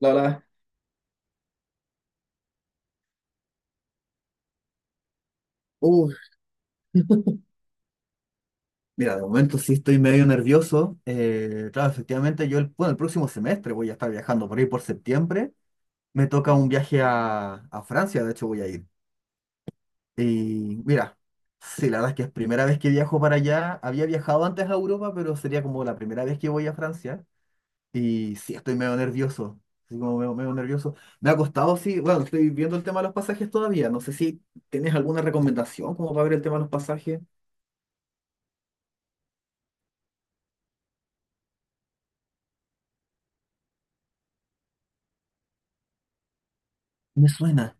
La verdad. Uy, mira, de momento sí estoy medio nervioso. Claro, efectivamente, el próximo semestre voy a estar viajando por ahí por septiembre. Me toca un viaje a Francia, de hecho voy a ir. Y mira, sí, la verdad es que es primera vez que viajo para allá. Había viajado antes a Europa, pero sería como la primera vez que voy a Francia. Y sí, estoy medio nervioso. Así como medio nervioso. Me ha costado, sí, bueno, estoy viendo el tema de los pasajes todavía. No sé si tienes alguna recomendación como para ver el tema de los pasajes. Me suena.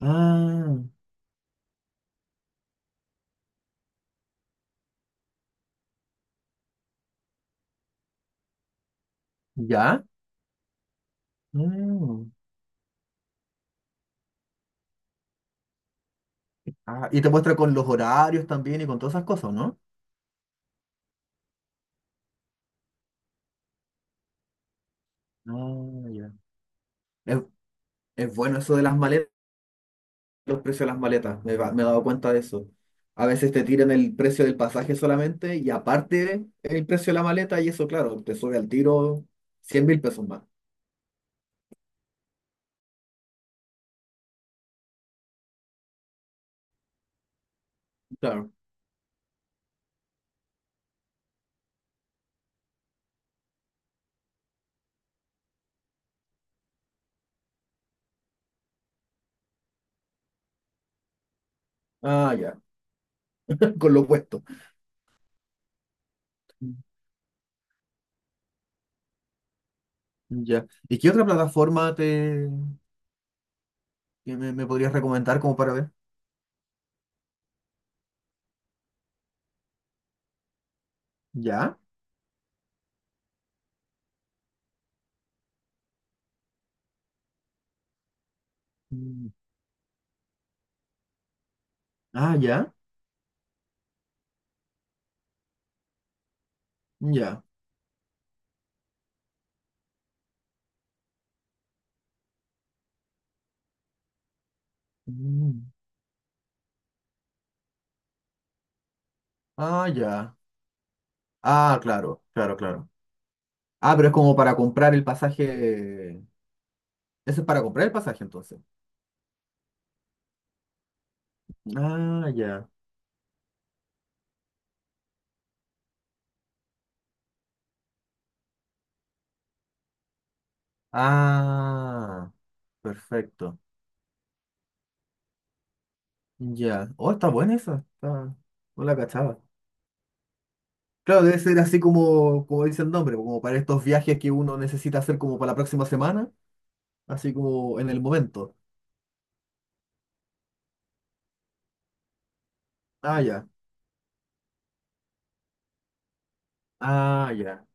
Ah, ¿ya? Mm. Ah, y te muestra con los horarios también y con todas esas cosas, ¿no? Ah, ya. Es, es bueno eso de las maletas, los precios de las maletas, me he dado cuenta de eso. A veces te tiran el precio del pasaje solamente y aparte el precio de la maleta y eso, claro, te sube al tiro 100.000 pesos más. Claro. Ah, ya, con lo puesto. Mm. Ya. ¿Y qué otra plataforma te que me podrías recomendar como para ver? ¿Ya? Mm. Ah, ya. Ya. Mm. Ah, ya. Ah, claro. Ah, pero es como para comprar el pasaje. Eso es para comprar el pasaje, entonces. Ah, ya. Ah, perfecto. Ya. Oh, está buena esa. Está... No la cachaba. Claro, debe ser así como, como dice el nombre, como para estos viajes que uno necesita hacer como para la próxima semana, así como en el momento. Ah, ya. Ah, ya.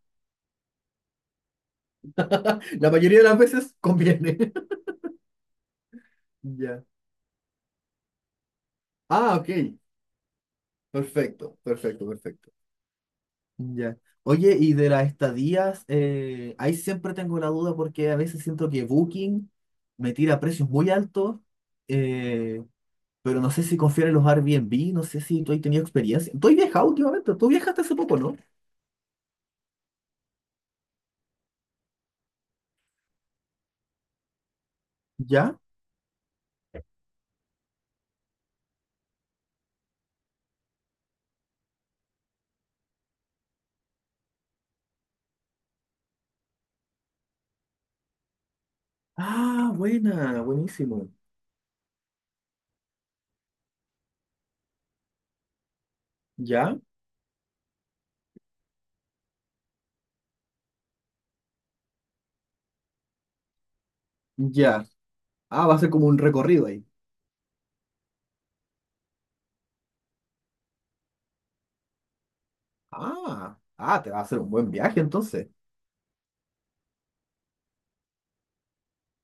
La mayoría de las veces conviene. Ya. Ah, ok. Perfecto. Ya. Oye, y de las estadías, ahí siempre tengo la duda porque a veces siento que Booking me tira precios muy altos, eh, pero no sé si confiar en los Airbnb, no sé si tú has tenido experiencia. Tú has viajado últimamente, tú viajaste hace poco, ¿no? ¿Ya? Ah, buena, buenísimo. ¿Ya? Ya. Ah, va a ser como un recorrido ahí. Ah, ah, te va a hacer un buen viaje entonces.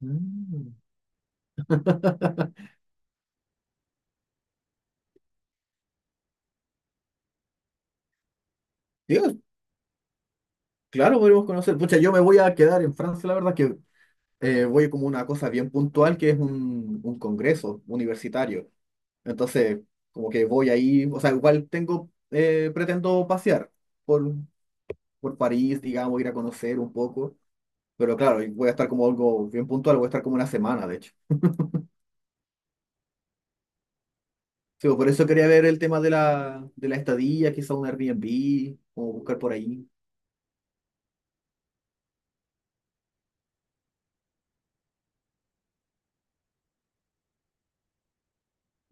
Mm. Dios, claro, podemos conocer. Pucha, yo me voy a quedar en Francia, la verdad que voy como una cosa bien puntual que es un congreso universitario. Entonces, como que voy ahí, o sea, igual tengo, pretendo pasear por, por París, digamos, ir a conocer un poco, pero claro, y voy a estar como algo bien puntual, voy a estar como una semana, de hecho. Sí, pues, por eso quería ver el tema de de la estadía, quizá un Airbnb, o buscar por ahí.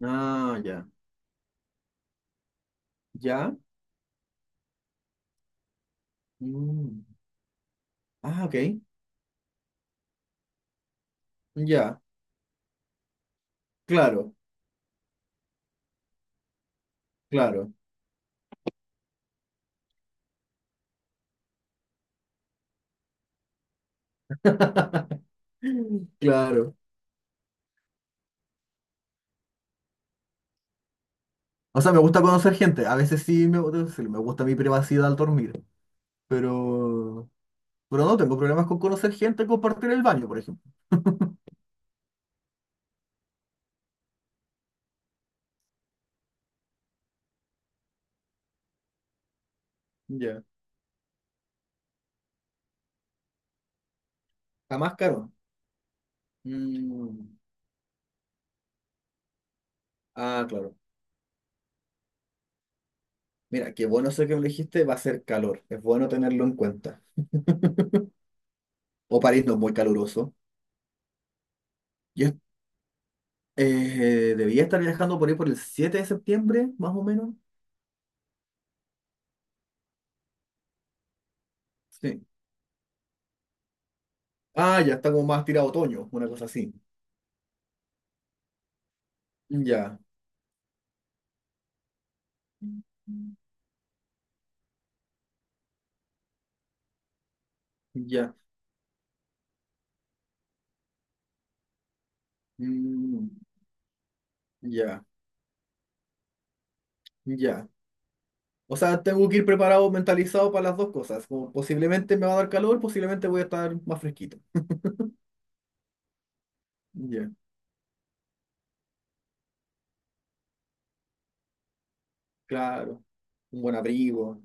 Ah, ya. ¿Ya? Mm. Ah, ok. Ya. Claro, claro. Claro. O sea, me gusta conocer gente. A veces sí me, debo Me gusta mi privacidad al dormir. Pero, pero no tengo problemas con conocer gente, compartir el baño, por ejemplo. Ya. Está más caro. Mm. Ah, claro. Mira, qué bueno eso que elegiste, va a ser calor. Es bueno tenerlo en cuenta. O París no es muy caluroso. Yo debía estar viajando por ahí por el 7 de septiembre, más o menos. Sí. Ah, ya está como más tirado a otoño, una cosa así. Ya, ya. Mm, ya, ya. O sea, tengo que ir preparado, mentalizado para las dos cosas. Como posiblemente me va a dar calor, posiblemente voy a estar más fresquito. Ya, claro. Un buen abrigo.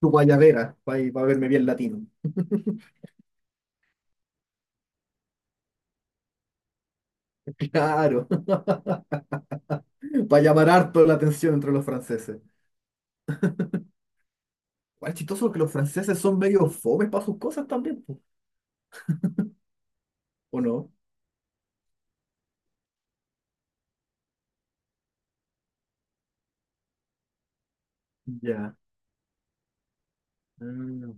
Tu guayabera, para verme bien latino. Claro. Para llamar harto la atención entre los franceses. Igual es chistoso que los franceses son medio fomes para sus cosas también, po. ¿O no? Ya. Mm.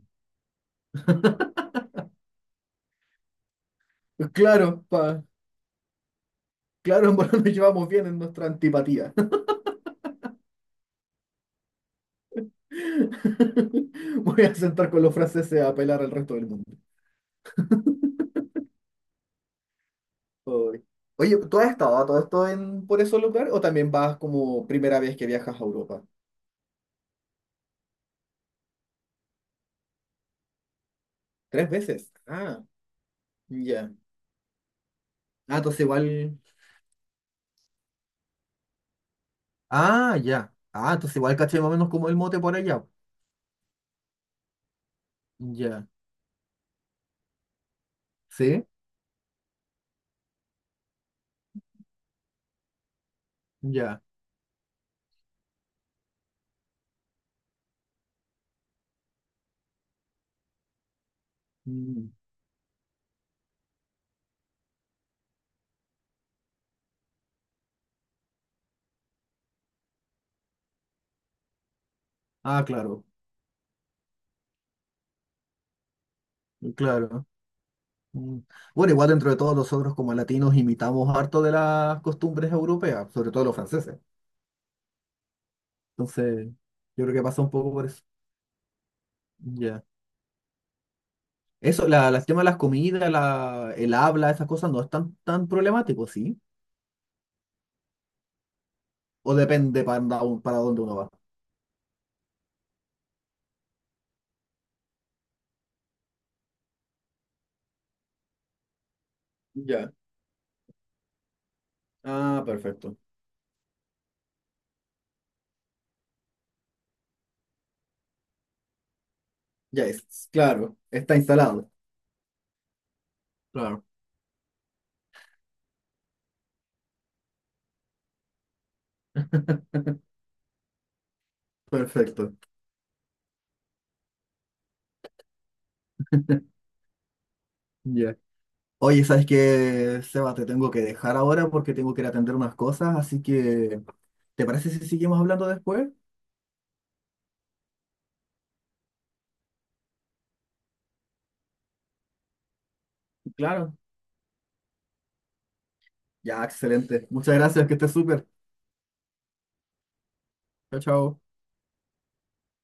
Claro, pa, claro, en verdad nos llevamos bien en nuestra antipatía. Voy a sentar con los franceses a apelar al resto del mundo. Uy. Oye, ¿tú has estado a todo esto en, por esos lugares o también vas como primera vez que viajas a Europa? ¿Tres veces? Ah, ya. Ah, entonces igual... Ah, ya. Ah, entonces igual caché más o menos como el mote por allá. Ya. ¿Sí? Ya. Mm. Ah, claro. Claro. Mm. Bueno, igual dentro de todos nosotros como latinos imitamos harto de las costumbres europeas, sobre todo los franceses. Entonces, yo creo que pasa un poco por eso. Ya. Eso, la, las temas de las comidas, la, el habla, esas cosas no es tan problemático, ¿sí? O depende para dónde uno va. Ya. Ah, perfecto. Ya es, claro, está instalado. Claro. Perfecto. Ya. Oye, ¿sabes qué, Seba? Te tengo que dejar ahora porque tengo que ir a atender unas cosas, así que, ¿te parece si seguimos hablando después? Claro. Ya, excelente. Muchas gracias, que estés súper. Chao, chao.